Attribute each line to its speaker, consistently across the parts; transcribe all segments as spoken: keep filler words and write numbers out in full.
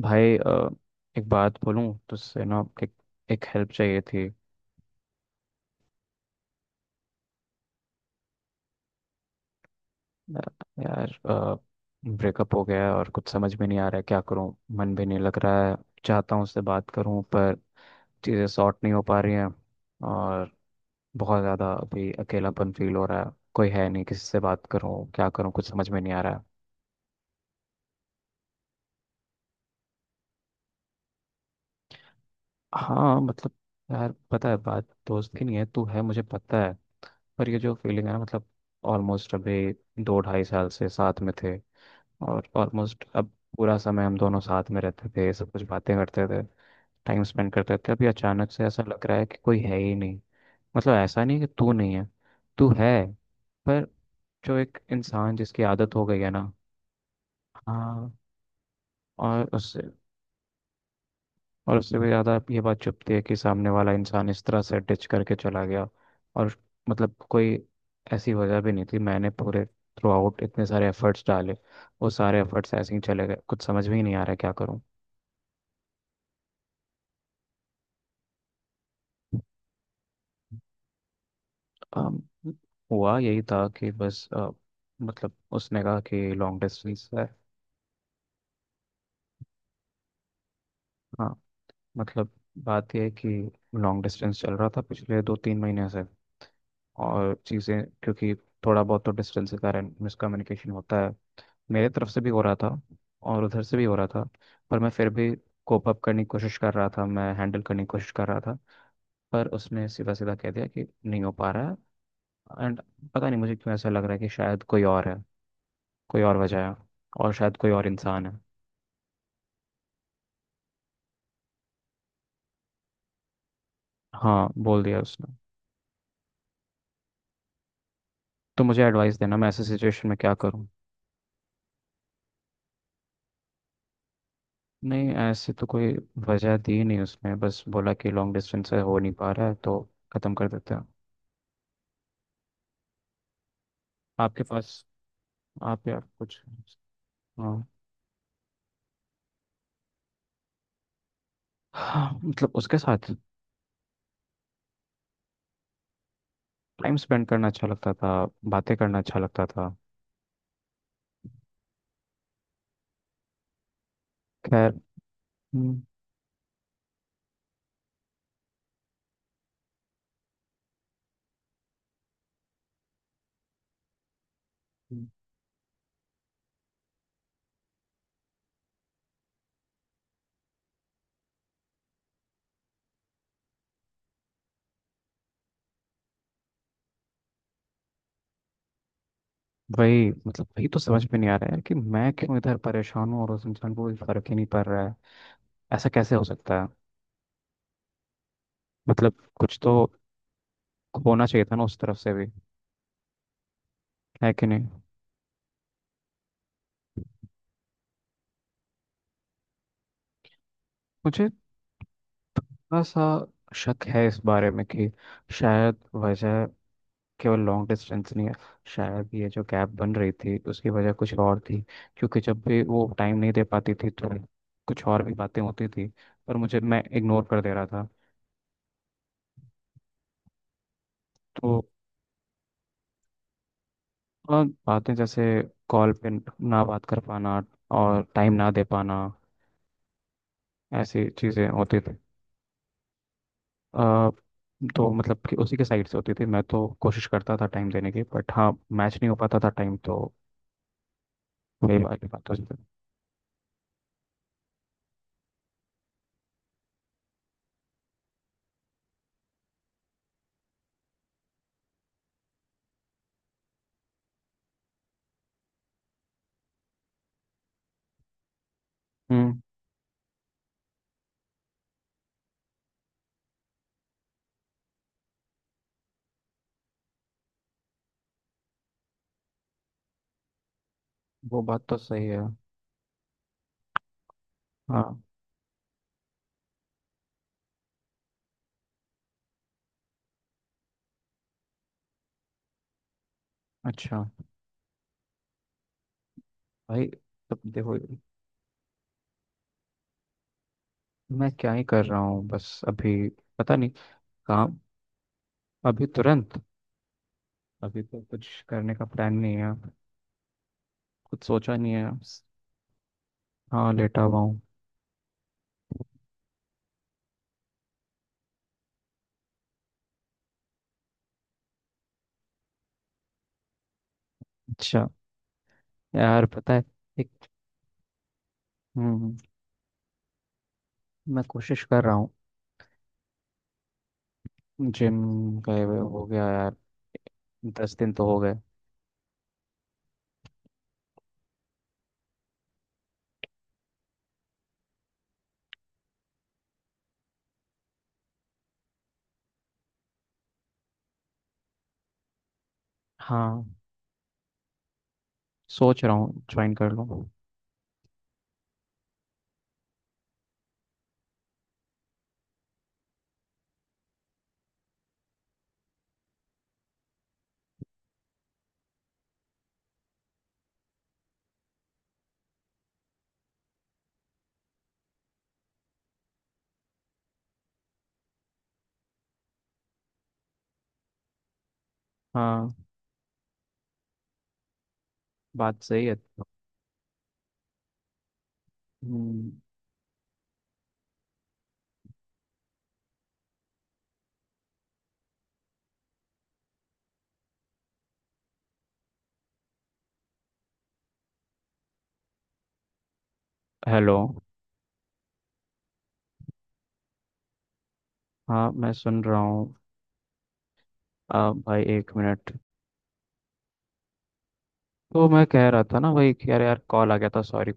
Speaker 1: भाई अ, एक बात बोलूं तुझसे ना एक एक हेल्प चाहिए थी। अ, यार, ब्रेकअप हो गया है और कुछ समझ में नहीं आ रहा है क्या करूं। मन भी नहीं लग रहा है। चाहता हूं उससे बात करूं, पर चीज़ें सॉर्ट नहीं हो पा रही हैं। और बहुत ज़्यादा अभी अकेलापन फील हो रहा है, कोई है नहीं किसी से बात करूं, क्या करूं कुछ समझ में नहीं आ रहा है। हाँ, मतलब यार पता है बात दोस्त की नहीं है, तू है मुझे पता है। पर ये जो फीलिंग है ना, मतलब ऑलमोस्ट अभी दो ढाई साल से साथ में थे। और ऑलमोस्ट अब पूरा समय हम दोनों साथ में रहते थे, सब कुछ बातें करते थे, टाइम स्पेंड करते थे। अभी अचानक से ऐसा लग रहा है कि कोई है ही नहीं। मतलब ऐसा नहीं कि तू नहीं है, तू है, पर जो एक इंसान जिसकी आदत हो गई है ना। हाँ। और उससे और उससे भी ज़्यादा ये बात चुभती है कि सामने वाला इंसान इस तरह से डिच करके चला गया। और मतलब कोई ऐसी वजह भी नहीं थी, मैंने पूरे थ्रू आउट इतने सारे एफर्ट्स डाले। वो सारे एफर्ट्स ऐसे ही चले गए, कुछ समझ में ही नहीं आ रहा है क्या करूँ। अम, हुआ यही था कि बस अ, मतलब उसने कहा कि लॉन्ग डिस्टेंस है। हाँ, मतलब बात यह है कि लॉन्ग डिस्टेंस चल रहा था पिछले दो तीन महीने से। और चीज़ें क्योंकि थोड़ा बहुत तो डिस्टेंस के कारण मिसकम्युनिकेशन होता है, मेरे तरफ से भी हो रहा था और उधर से भी हो रहा था। पर मैं फिर भी कोप अप करने की कोशिश कर रहा था, मैं हैंडल करने की कोशिश कर रहा था। पर उसने सीधा सीधा कह दिया कि नहीं हो पा रहा है। एंड पता नहीं मुझे क्यों ऐसा लग रहा है कि शायद कोई और है, कोई और वजह है, और शायद कोई और इंसान है। हाँ, बोल दिया उसने। तो मुझे एडवाइस देना मैं ऐसे सिचुएशन में क्या करूँ। नहीं, ऐसे तो कोई वजह दी नहीं उसने, बस बोला कि लॉन्ग डिस्टेंस से हो नहीं पा रहा है तो ख़त्म कर देते हैं। आपके पास आप या कुछ। हाँ। हाँ, मतलब उसके साथ टाइम स्पेंड करना अच्छा लगता था, बातें करना अच्छा लगता था। खैर। हम्म। हम्म। वही मतलब वही तो समझ में नहीं आ रहा है कि मैं क्यों इधर परेशान हूँ और उस इंसान को कोई फर्क ही नहीं पड़ रहा है। ऐसा कैसे हो सकता है। मतलब कुछ तो होना चाहिए था ना उस तरफ से भी, है कि नहीं। मुझे थोड़ा सा शक है इस बारे में कि शायद वजह केवल लॉन्ग डिस्टेंस नहीं है, शायद ये जो गैप बन रही थी उसकी वजह कुछ और थी। क्योंकि जब भी वो टाइम नहीं दे पाती थी तो कुछ और भी बातें होती थी, पर मुझे मैं इग्नोर कर दे रहा था। तो और बातें जैसे कॉल पे ना बात कर पाना और टाइम ना दे पाना, ऐसी चीज़ें होती थी। आ, तो मतलब कि उसी के साइड से होती थी, मैं तो कोशिश करता था टाइम देने की, बट हाँ मैच नहीं हो पाता था टाइम तो वही वाली बात हो जाती। हम्म। वो बात तो सही है। हाँ। अच्छा भाई, तब देखो मैं क्या ही कर रहा हूँ बस अभी, पता नहीं। काम। अभी तुरंत अभी तो कुछ करने का प्लान नहीं है, कुछ सोचा नहीं है। हाँ, लेटा हुआ हूँ। अच्छा। यार पता है एक। हम्म। मैं कोशिश कर रहा हूँ। जिम गए हुए हो गया यार, दस दिन तो हो गए। हाँ, सोच रहा हूँ ज्वाइन कर लूँ। हाँ, बात सही है। हम्म। हेलो। हाँ, मैं सुन रहा हूँ। आ, भाई एक मिनट। तो मैं कह रहा था ना भाई कि यार, यार कॉल आ गया था, सॉरी।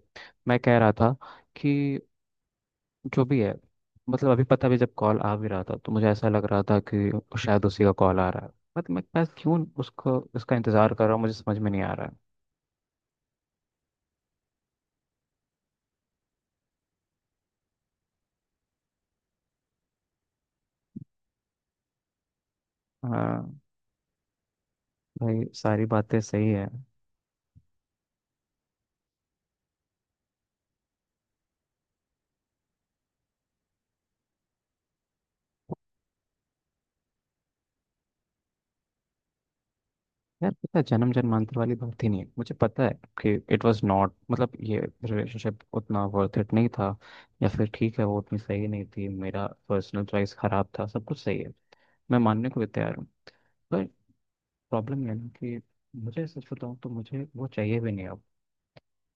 Speaker 1: मैं कह रहा था कि जो भी है, मतलब अभी पता भी जब कॉल आ भी रहा था तो मुझे ऐसा लग रहा था कि शायद उसी का कॉल आ रहा है। बट मैं मैं क्यों उसको उसका इंतज़ार कर रहा हूँ मुझे समझ में नहीं आ रहा है। हाँ भाई, सारी बातें सही है। यार पता है, जन्म जन्मांतर वाली बात ही नहीं है मुझे पता है कि इट वाज नॉट, मतलब ये रिलेशनशिप उतना वर्थ इट नहीं था। या फिर ठीक है वो उतनी सही नहीं थी, मेरा पर्सनल चॉइस खराब था, सब कुछ सही है। मैं मानने को भी तैयार हूँ, पर प्रॉब्लम ये है ना कि मुझे सच बताऊँ तो मुझे वो चाहिए भी नहीं अब।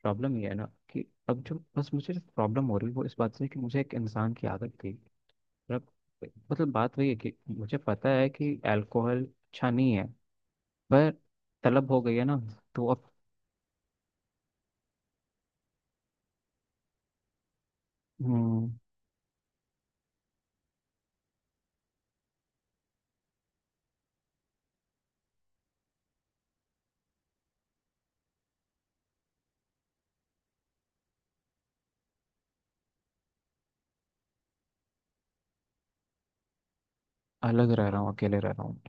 Speaker 1: प्रॉब्लम ये है ना कि अब जो बस मुझे प्रॉब्लम हो रही है वो इस बात से कि मुझे एक इंसान की आदत थी। मतलब मतलब बात वही है कि मुझे पता है कि अल्कोहल अच्छा नहीं है, पर तलब हो गई है ना, तो अब। हम्म। अलग रह रहा हूँ, अकेले रह रहा हूँ।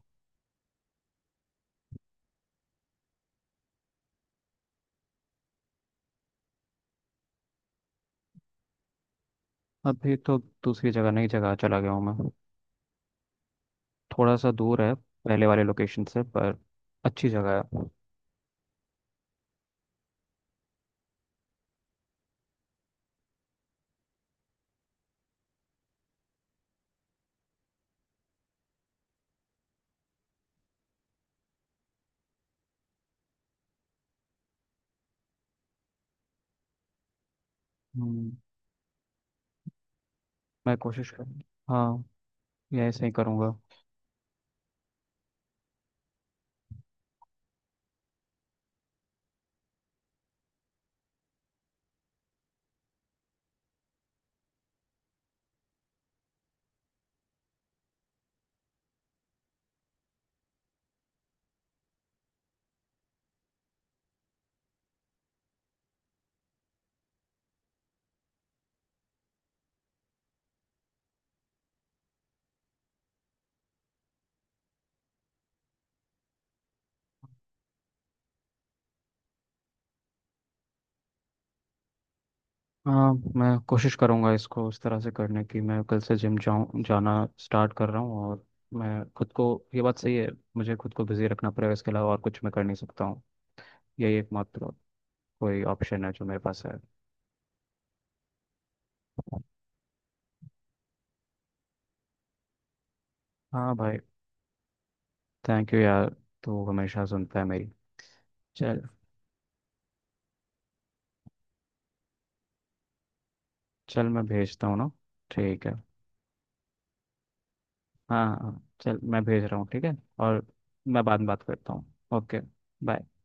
Speaker 1: अभी तो दूसरी जगह, नई जगह चला गया हूँ मैं, थोड़ा सा दूर है पहले वाले लोकेशन से, पर अच्छी जगह है। हम्म, मैं कोशिश करूँ। हाँ, ये ऐसे ही करूँगा। हाँ, मैं कोशिश करूँगा इसको उस तरह से करने की। मैं कल से जिम जाऊँ जाना स्टार्ट कर रहा हूँ। और मैं खुद को, ये बात सही है, मुझे खुद को बिजी रखना पड़ेगा। इसके अलावा और कुछ मैं कर नहीं सकता हूँ, यही एकमात्र कोई ऑप्शन है जो मेरे पास है। हाँ भाई। थैंक यू यार, तू हमेशा सुनता है मेरी। चल, चल मैं भेजता हूँ ना, ठीक है। हाँ हाँ, चल मैं भेज रहा हूँ ठीक है। और मैं बाद में बात करता हूँ, ओके। बाय।